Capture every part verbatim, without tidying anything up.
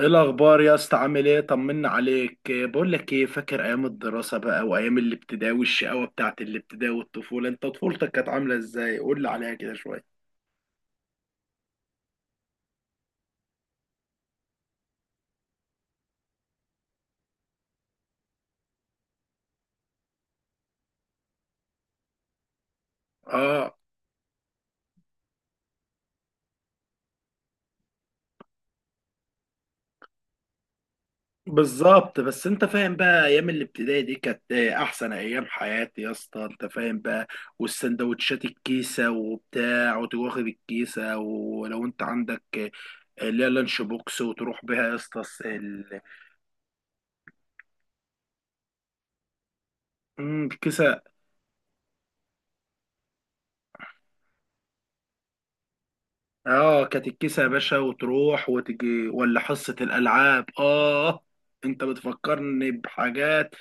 ايه الاخبار يا اسطى؟ عامل ايه؟ طمنا عليك. إيه، بقول لك ايه، فاكر ايام الدراسه بقى وايام الابتدائي والشقاوه بتاعت الابتدائي والطفوله؟ انت طفولتك كانت عامله ازاي؟ قول لي عليها كده شويه. اه بالظبط، بس انت فاهم بقى، ايام الابتدائي دي كانت إيه، احسن ايام حياتي يا اسطى، انت فاهم بقى. والسندوتشات الكيسه وبتاع، وتواخد الكيسه، ولو انت عندك إيه، اللي هي لانش بوكس وتروح بيها يا اسطى. الس- ال- مم، الكيسه. اه كانت الكيسة يا باشا، وتروح وتجي، ولا حصة الألعاب، اه انت بتفكرني بحاجات،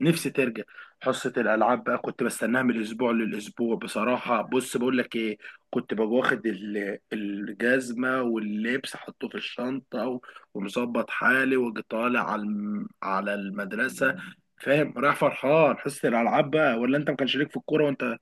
نفسي ترجع. حصة الألعاب بقى كنت بستناها من الأسبوع للأسبوع بصراحة. بص بقول لك ايه، كنت ببقى واخد ال- الجزمة واللبس، حطه في الشنطة و- ومظبط حالي، واجي طالع على الم- على المدرسة. فاهم؟ رايح فرحان حصة الألعاب بقى، ولا انت ما كانش ليك في الكورة وانت؟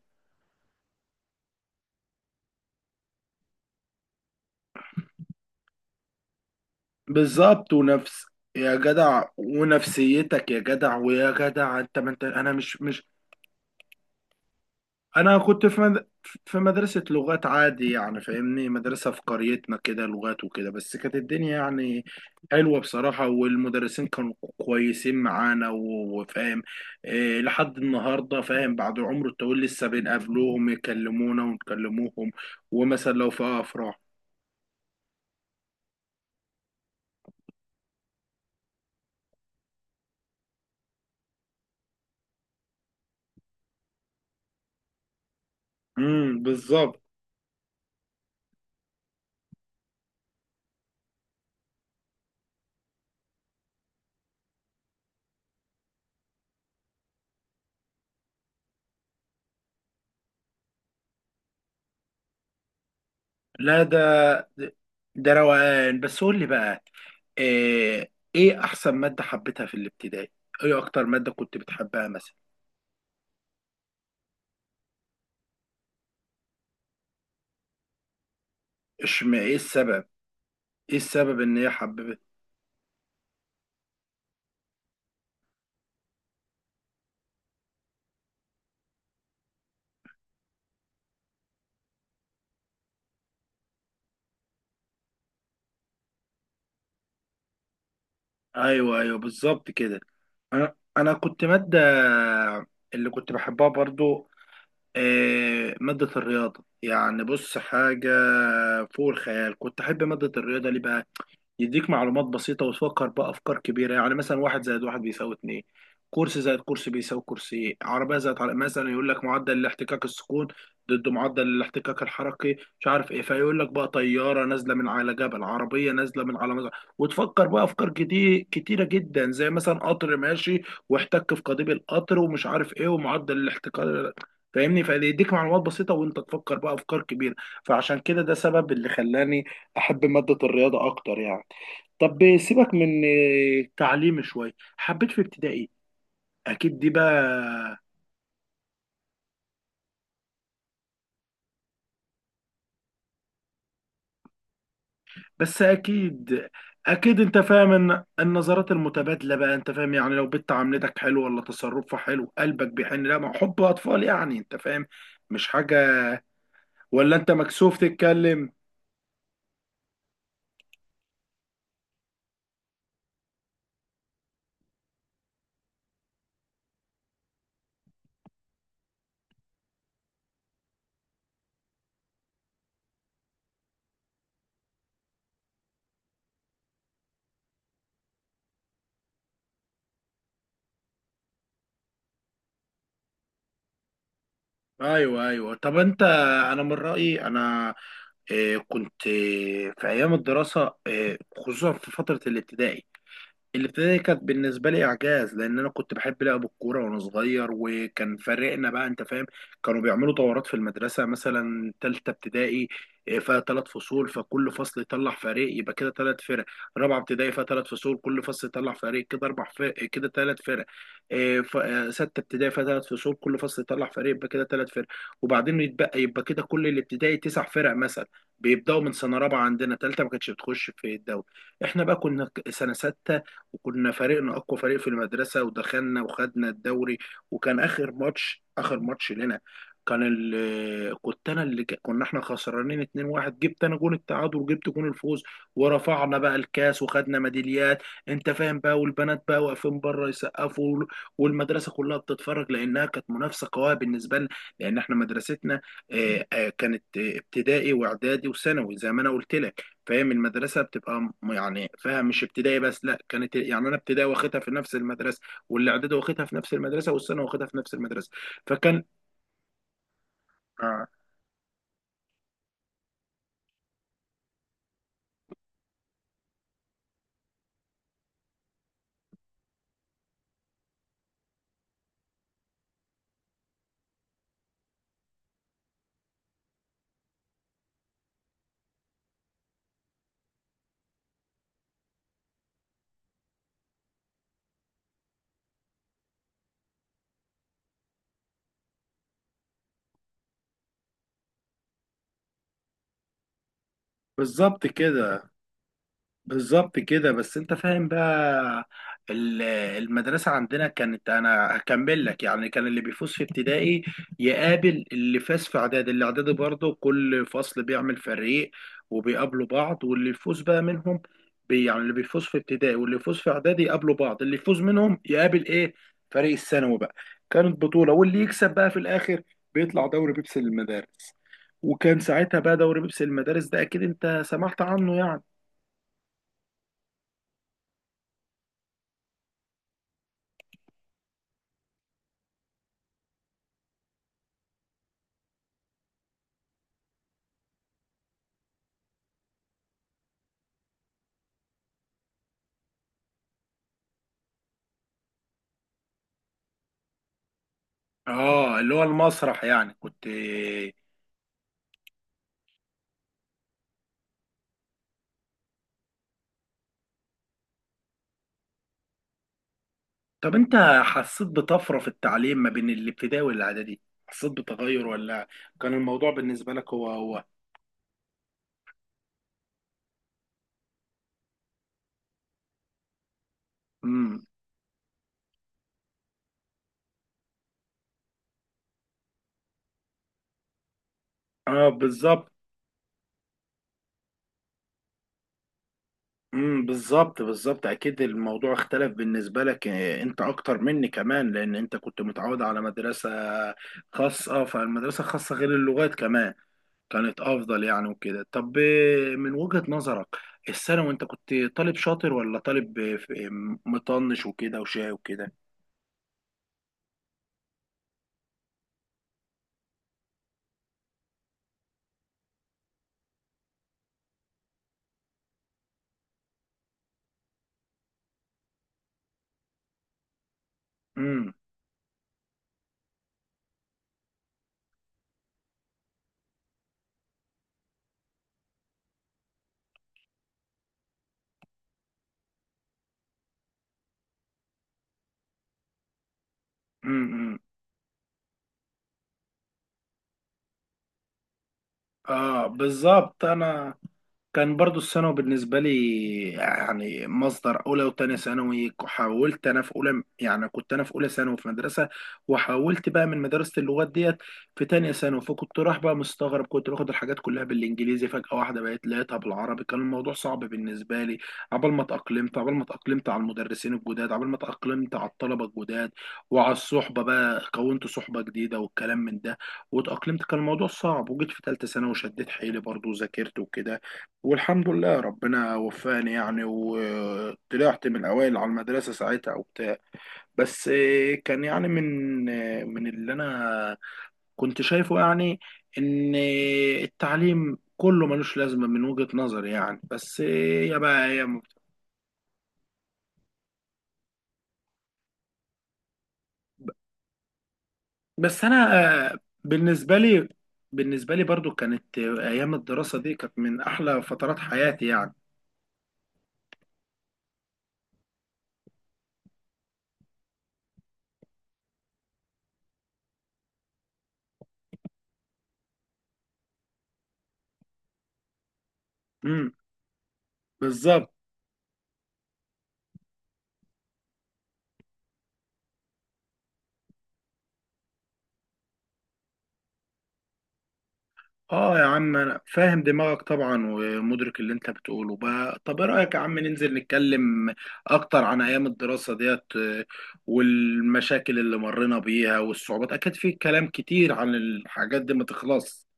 بالظبط. ونفس، يا جدع، ونفسيتك يا جدع، ويا جدع انت، ما انت انا مش مش. انا كنت في مد... في مدرسة لغات عادي يعني، فاهمني، مدرسة في قريتنا كده لغات وكده، بس كانت الدنيا يعني حلوة بصراحة، والمدرسين كانوا كويسين معانا و- وفاهم إيه، لحد النهاردة فاهم، بعد عمر الطويل لسه بنقابلوهم، يكلمونا ونكلموهم، ومثلا لو في افراح. امم بالظبط. لا ده، ده روقان. بس قول لي بقى، إيه, ايه احسن مادة حبيتها في الابتدائي؟ ايه اكتر مادة كنت بتحبها مثلا؟ اشمعنى؟ ايه السبب؟ ايه السبب ان هي حببت؟ ايوه ايوه بالظبط كده. انا انا كنت مادة اللي كنت بحبها برضو إيه، مادة الرياضة. يعني بص، حاجة فوق الخيال. كنت احب مادة الرياضة ليه بقى؟ يديك معلومات بسيطة وتفكر بأفكار كبيرة. يعني مثلا واحد زائد واحد بيساوي اتنين، كرسي زائد كرسي بيساوي كرسي، عربية زائد عربية، مثلا يقول لك معدل الاحتكاك السكون ضد معدل الاحتكاك الحركي مش عارف ايه، فيقول لك بقى طيارة نازلة من على جبل، عربية نازلة من على مزرعة، وتفكر بقى أفكار كتير، كتيرة جدا، زي مثلا قطر ماشي واحتك في قضيب القطر ومش عارف ايه ومعدل الاحتكاك. فاهمني؟ فيديك معلومات بسيطة وانت تفكر بقى أفكار كبيرة. فعشان كده ده سبب اللي خلاني أحب مادة الرياضة أكتر يعني. طب سيبك من التعليم شوية. حبيت في ابتدائي أكيد دي بقى، بس أكيد، أكيد أنت فاهم إن النظرات المتبادلة بقى، أنت فاهم يعني، لو بنت عاملتك حلو، ولا تصرفها حلو، قلبك بيحن، لا ما هو حب أطفال يعني، أنت فاهم، مش حاجة. ولا أنت مكسوف تتكلم؟ أيوه أيوه. طب أنت، أنا من رأيي أنا آه، كنت آه، في أيام الدراسة، آه، خصوصا في فترة الابتدائي، الابتدائي كانت بالنسبة لي إعجاز، لأن أنا كنت بحب لعب الكورة وأنا صغير، وكان فريقنا بقى أنت فاهم. كانوا بيعملوا دورات في المدرسة. مثلا تالتة ابتدائي إيه، فيها تلات فصول، فكل فصل يطلع فريق، يبقى كده تلات فرق. رابعة ابتدائي فيها تلات فصول، كل فصل يطلع فريق، كده أربع فرق، كده تلات فرق. إيه، ف- آه، ستة ابتدائي فيها تلات فصول، كل فصل يطلع فريق، يبقى كده تلات فرق. وبعدين يتبقى، يبقى كده كل الابتدائي تسع فرق مثلا. بيبدأوا من سنة رابعة، عندنا تالتة ما كانتش بتخش في الدوري. احنا بقى كنا ك- سنة ستة، وكنا فريقنا اقوى فريق في المدرسه، ودخلنا وخدنا الدوري. وكان اخر ماتش، اخر ماتش لنا، كان ال... كنت انا اللي ك- كنا احنا خسرانين اتنين واحد، جبت انا جون التعادل وجبت جون الفوز، ورفعنا بقى الكاس وخدنا ميداليات، انت فاهم بقى، والبنات بقى واقفين بره يسقفوا وال- والمدرسه كلها بتتفرج، لانها كانت منافسه قويه بالنسبه لنا، لان احنا مدرستنا آه، آه، كانت آه، ابتدائي واعدادي وثانوي، زي ما انا قلت لك. فاهم؟ المدرسه بتبقى م- يعني فاهم، مش ابتدائي بس، لا كانت يعني انا ابتدائي واخدها في نفس المدرسه، والاعدادي واخدها في نفس المدرسه، والسنه واخدها في نفس المدرسه. فكان آه، بالظبط كده، بالظبط كده بس انت فاهم بقى، ال- المدرسة عندنا كانت، انا هكمل لك يعني، كان اللي بيفوز في ابتدائي يقابل اللي فاز في اعدادي، اللي اعدادي برضه كل فصل بيعمل فريق، وبيقابلوا بعض، واللي يفوز بقى منهم، بي يعني اللي بيفوز في ابتدائي واللي يفوز في اعدادي يقابلوا بعض، اللي يفوز منهم يقابل ايه، فريق الثانوي بقى. كانت بطولة، واللي يكسب بقى في الاخر بيطلع دوري بيبسي للمدارس. وكان ساعتها بقى دوري بيبسي للمدارس ده اكيد انت سمعت عنه يعني. اه اللي هو المسرح يعني كنت. طب انت حسيت بطفرة في التعليم ما بين الابتدائي والاعدادي؟ حسيت بتغير، ولا كان الموضوع بالنسبة لك هو هو؟ امم اه بالظبط. امم بالظبط، بالظبط اكيد الموضوع اختلف بالنسبة لك، آه، انت اكتر مني كمان، لان انت كنت متعود على مدرسة خاصة، فالمدرسة الخاصة غير اللغات كمان كانت افضل يعني وكده. طب آه، من وجهة نظرك، الثانوي انت كنت طالب شاطر، ولا طالب آه، ف- آه، مطنش وكده وشاي وكده؟ امم امم امم. اه بالظبط. انا كان برضو الثانوي بالنسبة لي يعني مصدر، أولى وتانية ثانوي حاولت أنا، في أولى يعني كنت أنا في أولى ثانوي في مدرسة، وحاولت بقى من مدرسة اللغات ديت في تانية ثانوي، فكنت رايح بقى مستغرب، كنت باخد الحاجات كلها بالإنجليزي، فجأة واحدة بقيت لقيتها بالعربي، كان الموضوع صعب بالنسبة لي. عبال ما اتأقلمت عبال ما اتأقلمت على المدرسين الجداد، عبال ما اتأقلمت على الطلبة الجداد، وعلى الصحبة بقى، كونت صحبة جديدة والكلام من ده، واتأقلمت. كان الموضوع صعب. وجيت في تالتة ثانوي وشديت حيلي برضو، وذاكرت وكده، والحمد لله ربنا وفاني يعني، وطلعت من الأوائل على المدرسة ساعتها وبتاع. بس كان يعني، من من اللي أنا كنت شايفه يعني، إن التعليم كله ملوش لازمة من وجهة نظري يعني، بس يا بقى يا. بس أنا بالنسبة لي، بالنسبة لي برضو كانت أيام الدراسة دي كانت من أحلى فترات حياتي يعني. امم بالظبط. اه يا عم، انا فاهم دماغك طبعا، ومدرك اللي انت بتقوله بقى. طب ايه رايك يا عم ننزل نتكلم اكتر عن ايام الدراسه ديت آه، والمشاكل اللي مرينا بيها والصعوبات، اكيد في كلام كتير عن الحاجات دي ما تخلص.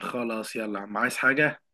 خلاص يلا يا عم، عايز حاجه؟